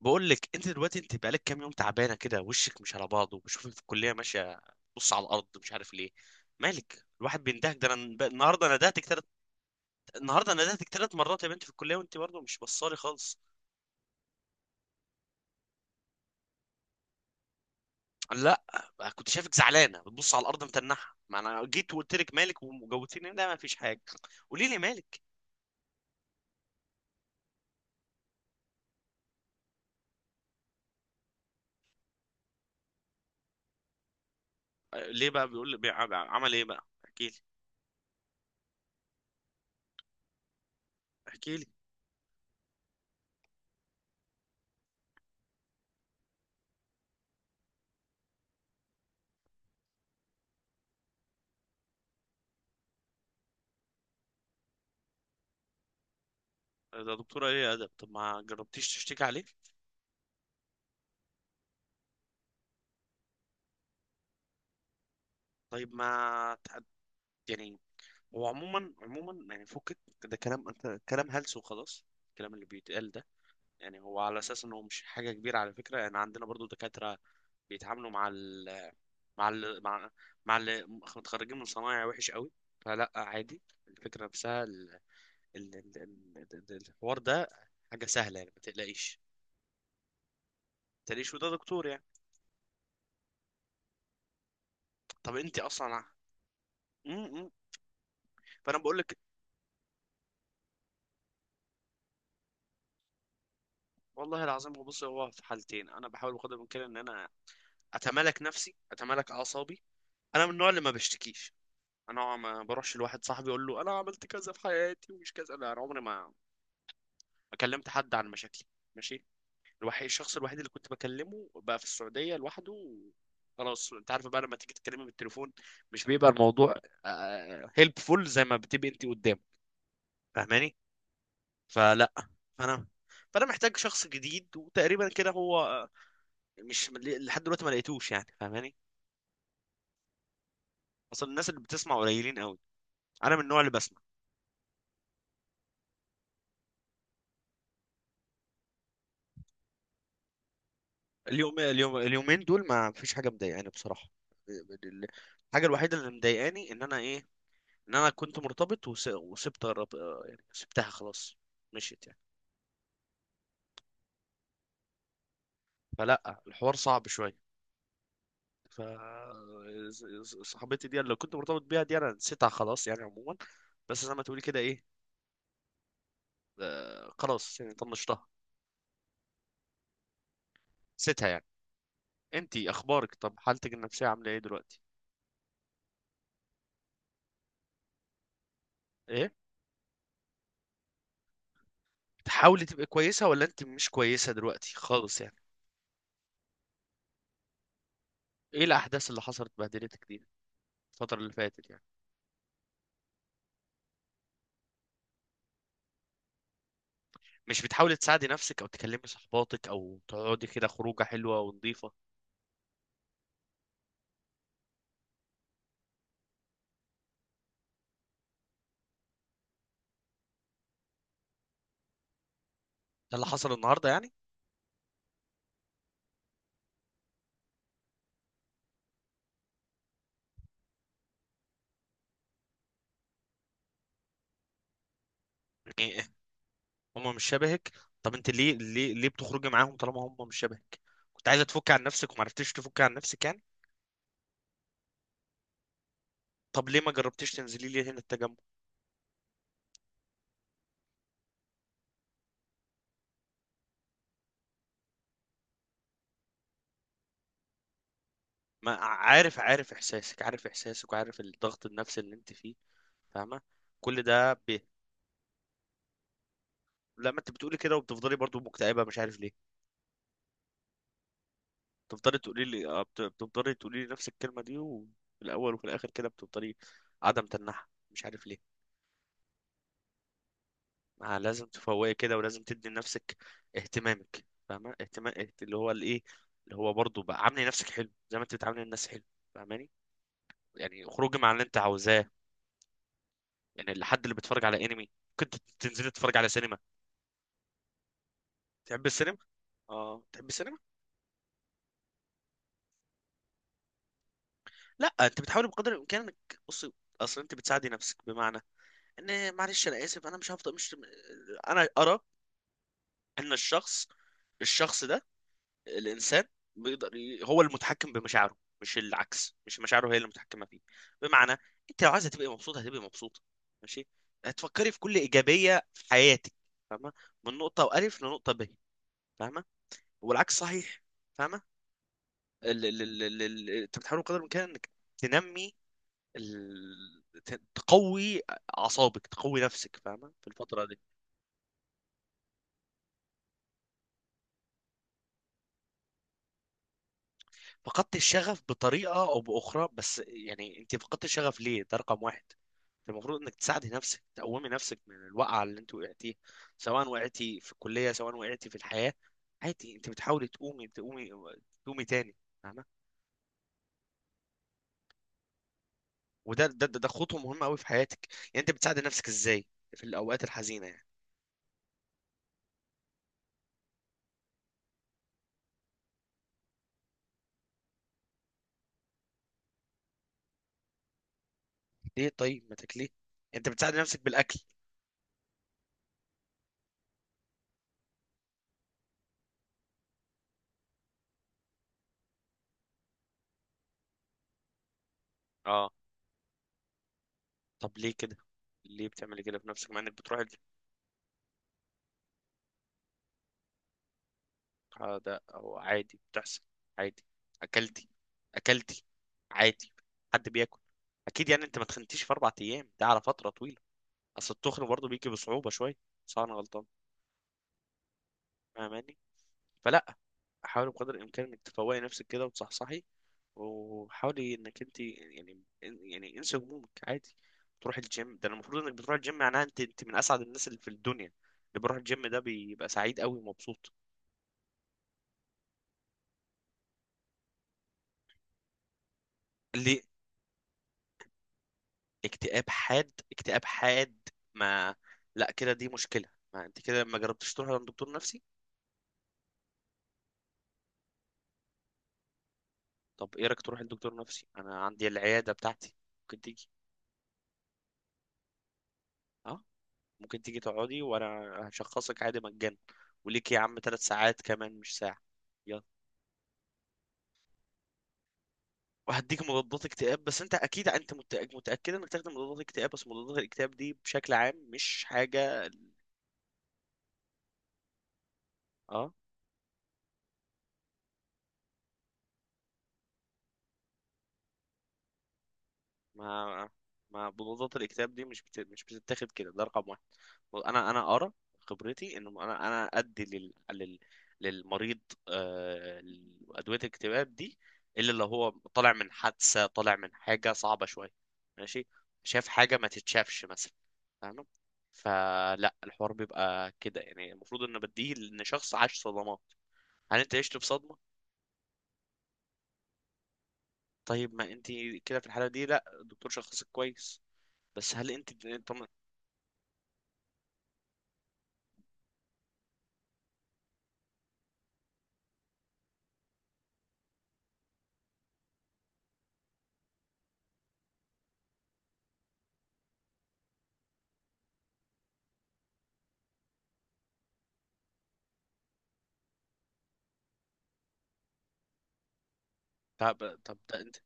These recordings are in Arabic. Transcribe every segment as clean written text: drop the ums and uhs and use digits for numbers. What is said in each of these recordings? بقول لك، انت دلوقتي بقالك كام يوم تعبانه كده، وشك مش على بعضه، وبشوفك في الكليه ماشيه، بص على الارض، مش عارف ليه. مالك؟ الواحد بيندهك. ده انا النهارده ندهتك 3 مرات يا بنت في الكليه، وانت برضه مش بصالي خالص. لا، كنت شايفك زعلانه بتبص على الارض متنحه، ما انا جيت وقلت لك مالك وجوتيني، لا ما فيش حاجه. قولي لي مالك. آه، ليه بقى بيقول لي، عمل ايه بقى؟ احكي لي، احكي لي. ده دكتوره ايه يا ادب؟ طب ما جربتيش تشتكي عليه؟ طيب ما تح- يعني هو عموما عموما يعني فكك، ده كلام، انت كلام هلس، وخلاص الكلام اللي بيتقال ده. يعني هو على اساس انه مش حاجه كبيره، على فكره، يعني عندنا برضو دكاتره بيتعاملوا مع ال مع ال مع مع اللي متخرجين من صنايع وحش قوي. فلا عادي. الفكره نفسها ال ال ال ال ال الحوار ده حاجه سهله، يعني ما تقلقيش. ما تقلقيش، وده دكتور يعني. طب انت اصلا ع- م- م. فانا بقول لك، والله العظيم، هو في حالتين. انا بحاول بقدر الامكان ان انا اتمالك نفسي، اتمالك اعصابي. انا من النوع اللي ما بشتكيش. انا ما بروحش لواحد صاحبي اقول له انا عملت كذا في حياتي ومش كذا، لا، انا عمري ما كلمت حد عن مشاكلي. ماشي. الشخص الوحيد اللي كنت بكلمه بقى في السعوديه لوحده خلاص، انت عارف بقى، لما تيجي تتكلمي بالتليفون مش بيبقى الموضوع هيلبفول زي ما بتبقي انت قدام، فاهماني؟ فلا. فانا فانا محتاج شخص جديد، وتقريبا كده هو، مش لحد دلوقتي ما لقيتوش، يعني فاهماني. اصل الناس اللي بتسمع قليلين قوي. انا من النوع اللي بسمع. اليومين دول ما فيش حاجه مضايقاني بصراحه. ال- الحاجه الوحيده اللي مضايقاني ان انا ايه، ان انا كنت مرتبط، وسبت الرب... آه، يعني سبتها خلاص، مشيت يعني. فلا الحوار صعب شويه. ف صاحبتي دي اللي كنت مرتبط بيها دي انا نسيتها خلاص، يعني عموما، بس زي ما تقولي كده ايه، خلاص يعني طنشتها، نسيتها يعني. انتي اخبارك؟ طب حالتك النفسيه عامله ايه دلوقتي؟ ايه، بتحاولي تبقي كويسه، ولا انت مش كويسه دلوقتي خالص يعني؟ ايه الاحداث اللي حصلت بهدلتك دي الفترة اللي فاتت يعني؟ مش بتحاولي تساعدي نفسك او تكلمي صحباتك او تقعدي كده خروجة حلوة ونظيفة؟ ده اللي حصل النهاردة يعني؟ يعني هم مش شبهك. طب انت ليه بتخرجي معاهم طالما هم مش شبهك؟ كنت عايزة تفكي عن نفسك ومعرفتيش تفكي عن نفسك يعني. طب ليه ما جربتيش تنزلي لي هنا التجمع؟ ما عارف، عارف احساسك وعارف الضغط النفسي اللي انت فيه، فاهمة. كل ده لما انت بتقولي كده وبتفضلي برضو مكتئبة، مش عارف ليه. تفضلي تقولي لي بتفضلي تقولي لي نفس الكلمه دي، وفي الاول وفي الاخر كده بتفضلي عدم تنحى، مش عارف ليه. ما لازم تفوقي كده، ولازم تدي لنفسك اهتمامك، فاهمه؟ اهتمام، اللي هو الايه، اللي هو برضه بقى، عاملي نفسك حلو زي ما انت بتعاملي الناس حلو، فاهماني؟ يعني خروجي مع اللي انت عاوزاه. يعني الحد اللي بيتفرج على انمي، كنت تنزلي تتفرج على سينما. تحب السينما، اه، تحب السينما. لا، انت بتحاولي بقدر الامكان انك بصي، اصل انت بتساعدي نفسك بمعنى ان، معلش، انا اسف، انا مش هفضل مش انا ارى ان الشخص الشخص ده الانسان بيقدر هو المتحكم بمشاعره، مش العكس، مش مشاعره هي اللي متحكمه فيه. بمعنى، انت لو عايزه تبقي مبسوطه هتبقي مبسوطه. ماشي، هتفكري في كل ايجابيه في حياتك، فاهمه، من نقطه والف لنقطه ب، فاهمه، والعكس صحيح، فاهمه. انت بتحاول قدر الامكان انك تنمي، تقوي اعصابك، تقوي نفسك، فاهمه، في الفتره دي. فقدت الشغف بطريقة أو بأخرى، بس يعني أنت فقدت الشغف ليه، ده رقم واحد. أنت المفروض إنك تساعدي نفسك، تقومي نفسك من الوقعة اللي أنت وقعتيها، سواء وقعتي في الكلية سواء وقعتي في الحياة، عادي، أنت بتحاولي تقومي، تقومي، تقومي تاني، فاهمة. وده ده ده ده خطوة مهمة أوي في حياتك. يعني أنت بتساعدي نفسك إزاي في الأوقات الحزينة يعني؟ ليه؟ طيب ما تاكليه. أنت بتساعدي نفسك بالأكل، اه. طب ليه كده؟ ليه بتعملي كده في نفسك، مع انك بتروحي؟ آه، ده هو عادي، بتحصل عادي. اكلتي، اكلتي، عادي، حد بياكل. اكيد يعني انت ما تخنتيش في 4 ايام، ده على فتره طويله. اصل التخن برضه بيجي بصعوبه شويه. صح، انا غلطان. فاهماني؟ فلا، حاولي بقدر الامكان انك تفوقي نفسك كده وتصحصحي، وحاولي انك انت يعني، انسي همومك عادي، تروحي الجيم. ده المفروض انك بتروحي الجيم، معناها انت من اسعد الناس اللي في الدنيا. اللي بيروح الجيم ده بيبقى سعيد قوي ومبسوط. اللي اكتئاب حاد، اكتئاب حاد. ما لا، كده دي مشكلة. ما انت كده ما جربتش تروح عند دكتور نفسي؟ طب ايه رايك تروح لدكتور نفسي؟ انا عندي العيادة بتاعتي، ممكن تيجي. اه، ممكن تيجي تقعدي وانا هشخصك عادي مجانا. وليك يا عم 3 ساعات كمان، مش ساعة. يلا. وهديك مضادات اكتئاب، بس انت اكيد، انت متأكد، متأكد انك تاخد مضادات اكتئاب؟ بس مضادات الاكتئاب دي بشكل عام مش حاجة. اه. ما ما بطولات الاكتاب دي مش بتتاخد كده، ده رقم واحد. انا ارى، خبرتي، ان انا ادي للمريض آه... ادويه الاكتئاب دي الا لو هو طالع من حادثه، طالع من حاجه صعبه شويه، ماشي، شاف حاجه ما تتشافش مثلا، فاهم؟ فلا الحوار بيبقى كده، يعني المفروض ان بديه ان شخص عاش صدمات. هل انت عشت في صدمه؟ طيب ما انت كده في الحاله دي، لا، الدكتور شخصك كويس، بس هل انت؟ طب، طب ده انت،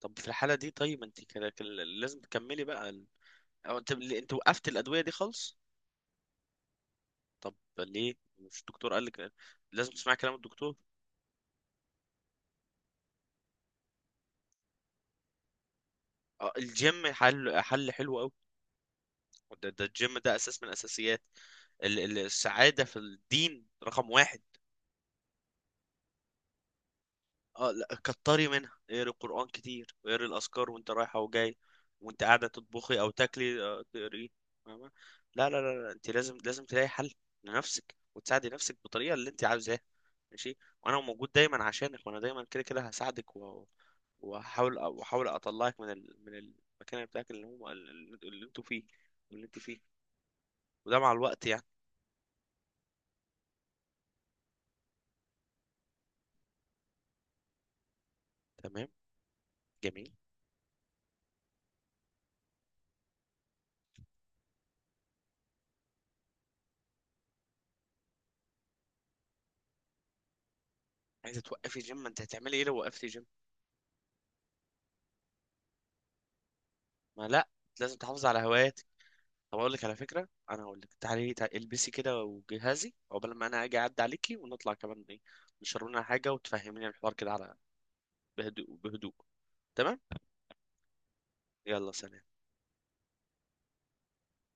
طب في الحالة دي، طيب انت كده كده لازم تكملي بقى او انت وقفت الأدوية دي خالص؟ طب ليه؟ مش الدكتور قال لك لازم تسمعي كلام الدكتور؟ اه، الجيم حل، حل حلو قوي. ده, ده الجيم ده اساس من اساسيات السعادة. في الدين، رقم واحد. اه، لا كتري منها، اقري القرآن كتير، واقري الأذكار وانت رايحة وجاي، وانت قاعدة تطبخي أو تاكلي تقري. فاهمة؟ لا لا لا لا، انت لازم، تلاقي حل لنفسك، وتساعدي نفسك بالطريقة اللي انت عاوزاها. ماشي. وانا موجود دايما عشانك، وانا دايما كده كده هساعدك وأحاول أطلعك من من المكان بتاعك اللي هو اللي انتوا فيه واللي انت فيه، وده مع الوقت يعني. تمام، جميل. عايزة توقفي جيم؟ ما انت هتعملي ايه لو وقفتي جيم؟ ما لا، لازم تحافظي على هواياتك. طب اقول لك على فكره، انا هقول لك تعالي، تعالي البسي كده وجهازي عقبال ما انا اجي اعدي عليكي، ونطلع كمان ايه، نشرب لنا حاجه وتفهميني الحوار كده على، بهدوء، بهدوء. تمام. يلا، سلام.